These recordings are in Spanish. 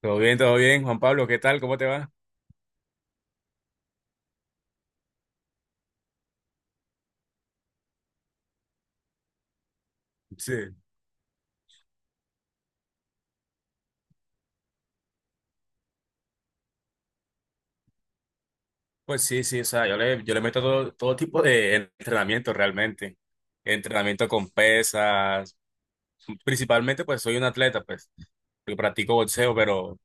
Todo bien, Juan Pablo, ¿qué tal? ¿Cómo te va? Sí, pues sí, sí, o sea, yo le meto todo tipo de entrenamiento realmente. Entrenamiento con pesas, principalmente pues soy un atleta, pues, yo practico boxeo, pero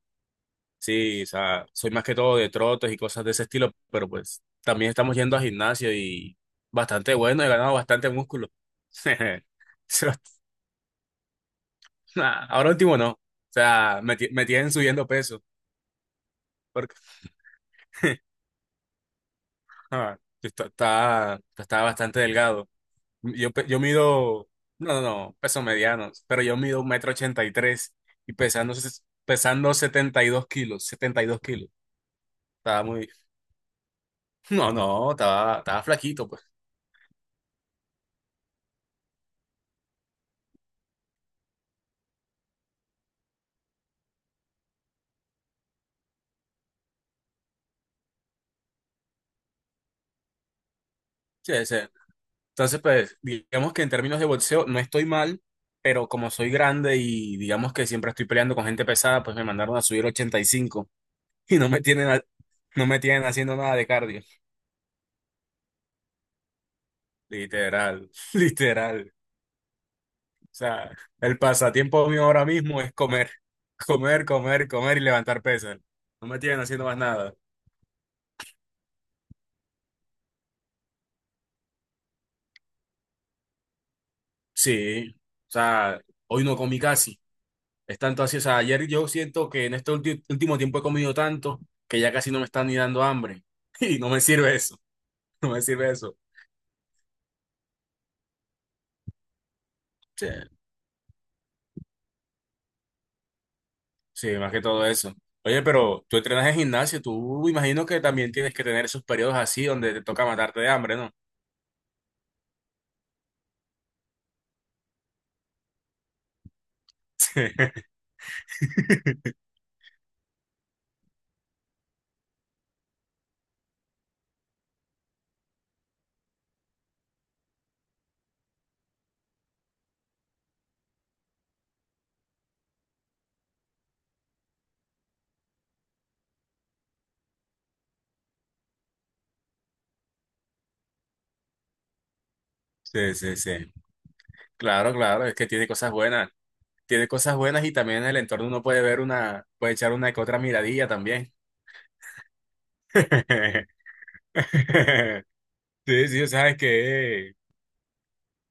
sí, o sea, soy más que todo de trotes y cosas de ese estilo, pero pues también estamos yendo a gimnasio y bastante bueno, he ganado bastante músculo. Ahora último no, o sea, me tienen subiendo peso. Porque ah, está bastante delgado. Yo mido, no, no, no, peso mediano, pero yo mido 1,83 m y pesando, pesando 72 kilos, 72 kilos. Estaba muy, no, no, estaba flaquito, pues. Sí, sí. Entonces, pues, digamos que en términos de boxeo no estoy mal, pero como soy grande y digamos que siempre estoy peleando con gente pesada, pues me mandaron a subir 85 y cinco y no me tienen, no me tienen haciendo nada de cardio. Literal, literal. O sea, el pasatiempo mío ahora mismo es comer, comer, comer, comer y levantar pesas. No me tienen haciendo más nada. Sí, o sea, hoy no comí casi. Es tanto así, o sea, ayer yo siento que en este último tiempo he comido tanto que ya casi no me está ni dando hambre. Y no me sirve eso, no me sirve eso. Sí, sí, más que todo eso. Oye, pero tú entrenas en gimnasio, tú imagino que también tienes que tener esos periodos así donde te toca matarte de hambre, ¿no? Sí, sí, sí. Claro, claro, es que tiene cosas buenas. Tiene cosas buenas y también en el entorno uno puede ver una, puede echar una que otra miradilla también. Sí, sí, o sea, es que,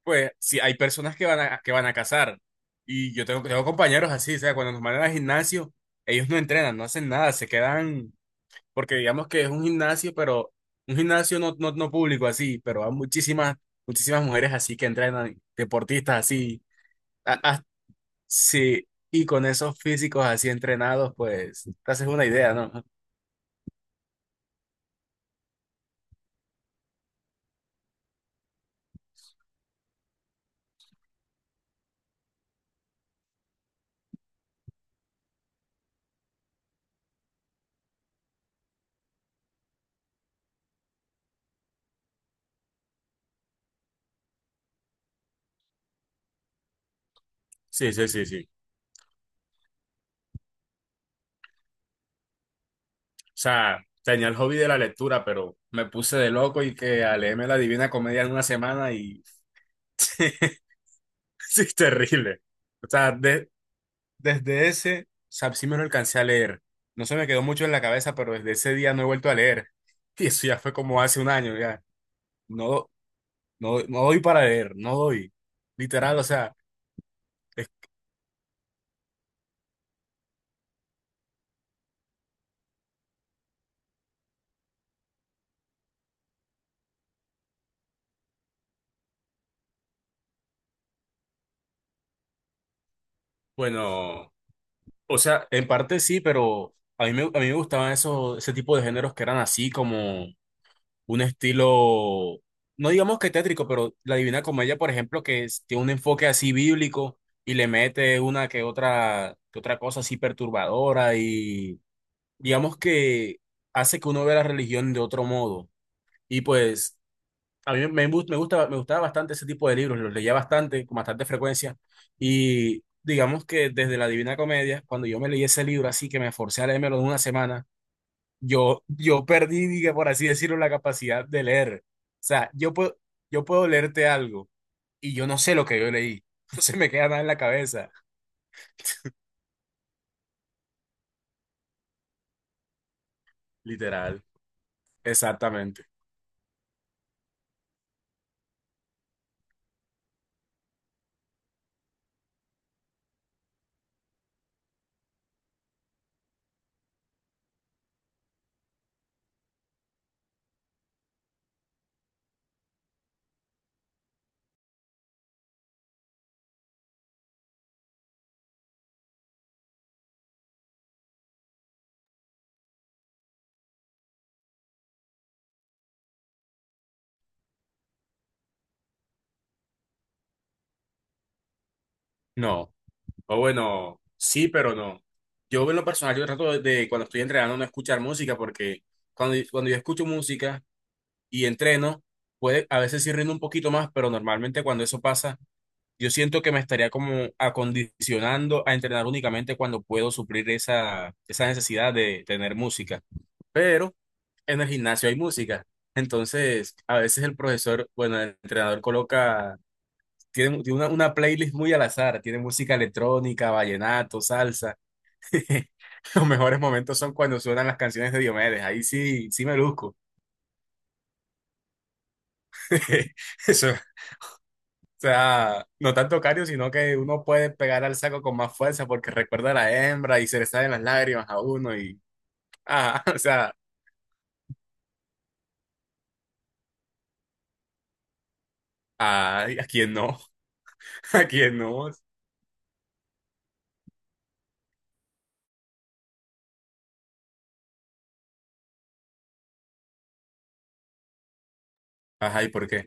pues, sí, hay personas que van a cazar. Y yo tengo compañeros así, o sea, cuando nos mandan al gimnasio, ellos no entrenan, no hacen nada, se quedan, porque digamos que es un gimnasio, pero un gimnasio no público así, pero hay muchísimas mujeres así que entrenan, deportistas así. a- a- sí, y con esos físicos así entrenados, pues, te haces una idea, ¿no? Sí, sí, sí, sí. O sea, tenía el hobby de la lectura, pero me puse de loco y que a leerme la Divina Comedia en una semana y sí, sí, es terrible. O sea, desde ese, o sea, sí me lo alcancé a leer. No se me quedó mucho en la cabeza, pero desde ese día no he vuelto a leer. Y eso ya fue como hace un año, ya. No, no, no doy para leer, no doy. Literal, o sea, es, bueno, o sea, en parte sí, pero a mí me gustaban ese tipo de géneros que eran así como un estilo, no digamos que tétrico, pero la Divina Comedia, por ejemplo, que tiene un enfoque así bíblico y le mete una que otra cosa así perturbadora y digamos que hace que uno vea la religión de otro modo. Y pues a mí me gustaba bastante ese tipo de libros, los leía bastante, con bastante frecuencia y digamos que desde la Divina Comedia, cuando yo me leí ese libro así que me forcé a leérmelo en una semana, yo perdí, diga, por así decirlo, la capacidad de leer. O sea, yo puedo leerte algo y yo no sé lo que yo leí. No se me queda nada en la cabeza. Literal. Exactamente. No. O bueno, sí, pero no. Yo en lo personal, yo trato de cuando estoy entrenando no escuchar música porque cuando yo escucho música y entreno, puede, a veces sí rindo un poquito más, pero normalmente cuando eso pasa, yo siento que me estaría como acondicionando a entrenar únicamente cuando puedo suplir esa necesidad de tener música. Pero en el gimnasio hay música. Entonces, a veces el profesor, bueno, el entrenador coloca, tiene una playlist muy al azar, tiene música electrónica, vallenato, salsa. Los mejores momentos son cuando suenan las canciones de Diomedes. Ahí sí, sí me luzco. Eso sea, no tanto cario, sino que uno puede pegar al saco con más fuerza porque recuerda a la hembra y se le salen las lágrimas a uno y, ah, o sea, ay, ¿a quién no? ¿A quién no? Ajá, ¿y por qué?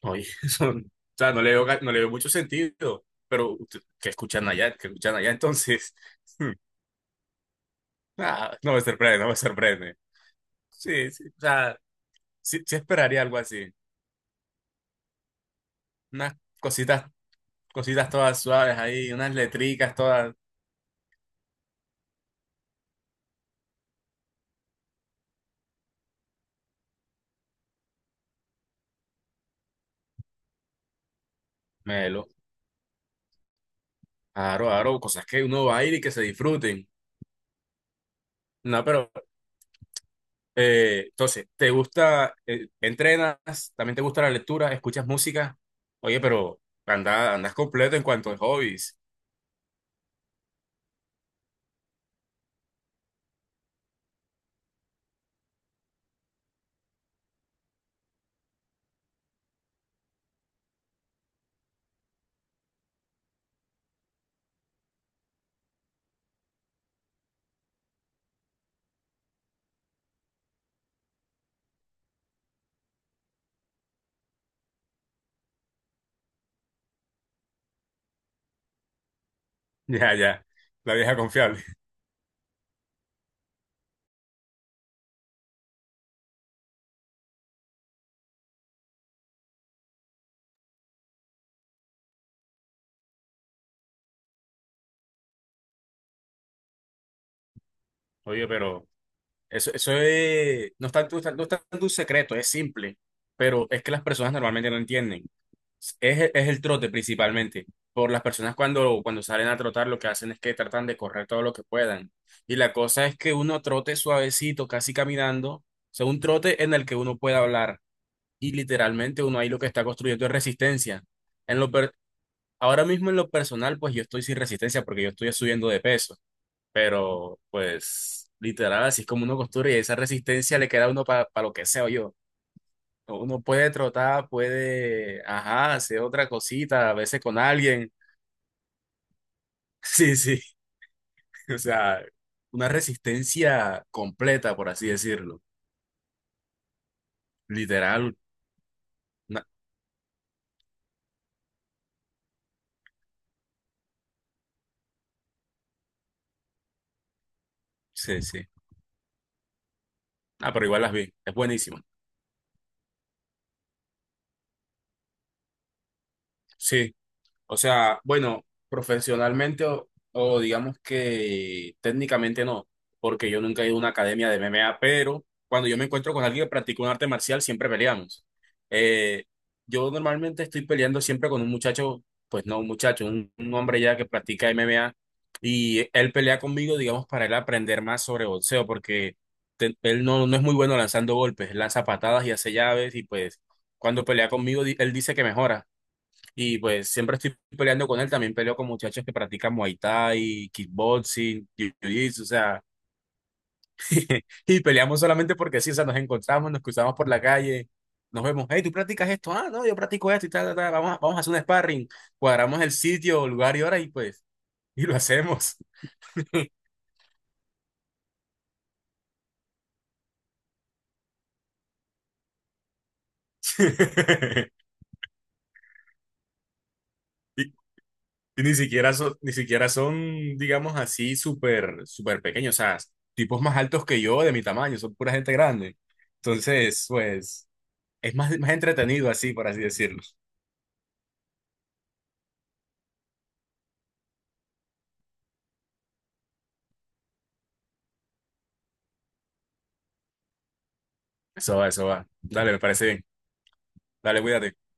Oye, son, o sea, no le veo mucho sentido, pero usted- ¿qué escuchan allá? ¿Qué escuchan allá? Entonces, hmm, ah, no me sorprende, no me sorprende. Sí, sí, o sea, sí, sí esperaría algo así. Unas cositas, cositas todas suaves ahí, unas letricas todas. Melo. Aro, aro, cosas que uno va a ir y que se disfruten. No, pero entonces, ¿te gusta, entrenas, también te gusta la lectura, escuchas música? Oye, pero andas completo en cuanto a hobbies. Ya, ya, la vieja confiable. Oye, pero eso es, no es tanto, no es tanto un secreto, es simple, pero es que las personas normalmente no entienden. Es el trote principalmente. Por las personas cuando salen a trotar lo que hacen es que tratan de correr todo lo que puedan. Y la cosa es que uno trote suavecito, casi caminando, o sea, un trote en el que uno pueda hablar. Y literalmente uno ahí lo que está construyendo es resistencia. En lo per- ahora mismo en lo personal, pues yo estoy sin resistencia porque yo estoy subiendo de peso. Pero, pues, literal, así es como uno costura y esa resistencia le queda a uno para lo que sea yo. Uno puede trotar, puede, ajá, hacer otra cosita, a veces con alguien. Sí, sí. O sea, una resistencia completa, por así decirlo. Literal. Una- Sí, sí. Ah, pero igual las vi. Es buenísimo. Sí. O sea, bueno, profesionalmente o digamos que técnicamente no, porque yo nunca he ido a una academia de MMA, pero cuando yo me encuentro con alguien que practica un arte marcial, siempre peleamos. Eh, yo normalmente estoy peleando siempre con un muchacho, pues no un muchacho, un hombre ya que practica MMA, y él pelea conmigo, digamos, para él aprender más sobre boxeo, porque él no es muy bueno lanzando golpes, él lanza patadas y hace llaves, y pues cuando pelea conmigo, él dice que mejora. Y pues siempre estoy peleando con él, también peleo con muchachos que practican Muay Thai, kickboxing, jiu-jitsu, o sea, y peleamos solamente porque sí, o sea, nos encontramos, nos cruzamos por la calle, nos vemos, hey, ¿tú practicas esto? Ah, no, yo practico esto y tal, tal, tal, vamos, vamos a hacer un sparring, cuadramos el sitio, lugar y hora y pues, y lo hacemos. Y, y ni siquiera son, ni siquiera son, digamos así, súper, súper pequeños, o sea, tipos más altos que yo, de mi tamaño, son pura gente grande. Entonces, pues, es más, más entretenido así, por así decirlo. Eso va, eso va. Dale, me parece bien. Dale, cuídate.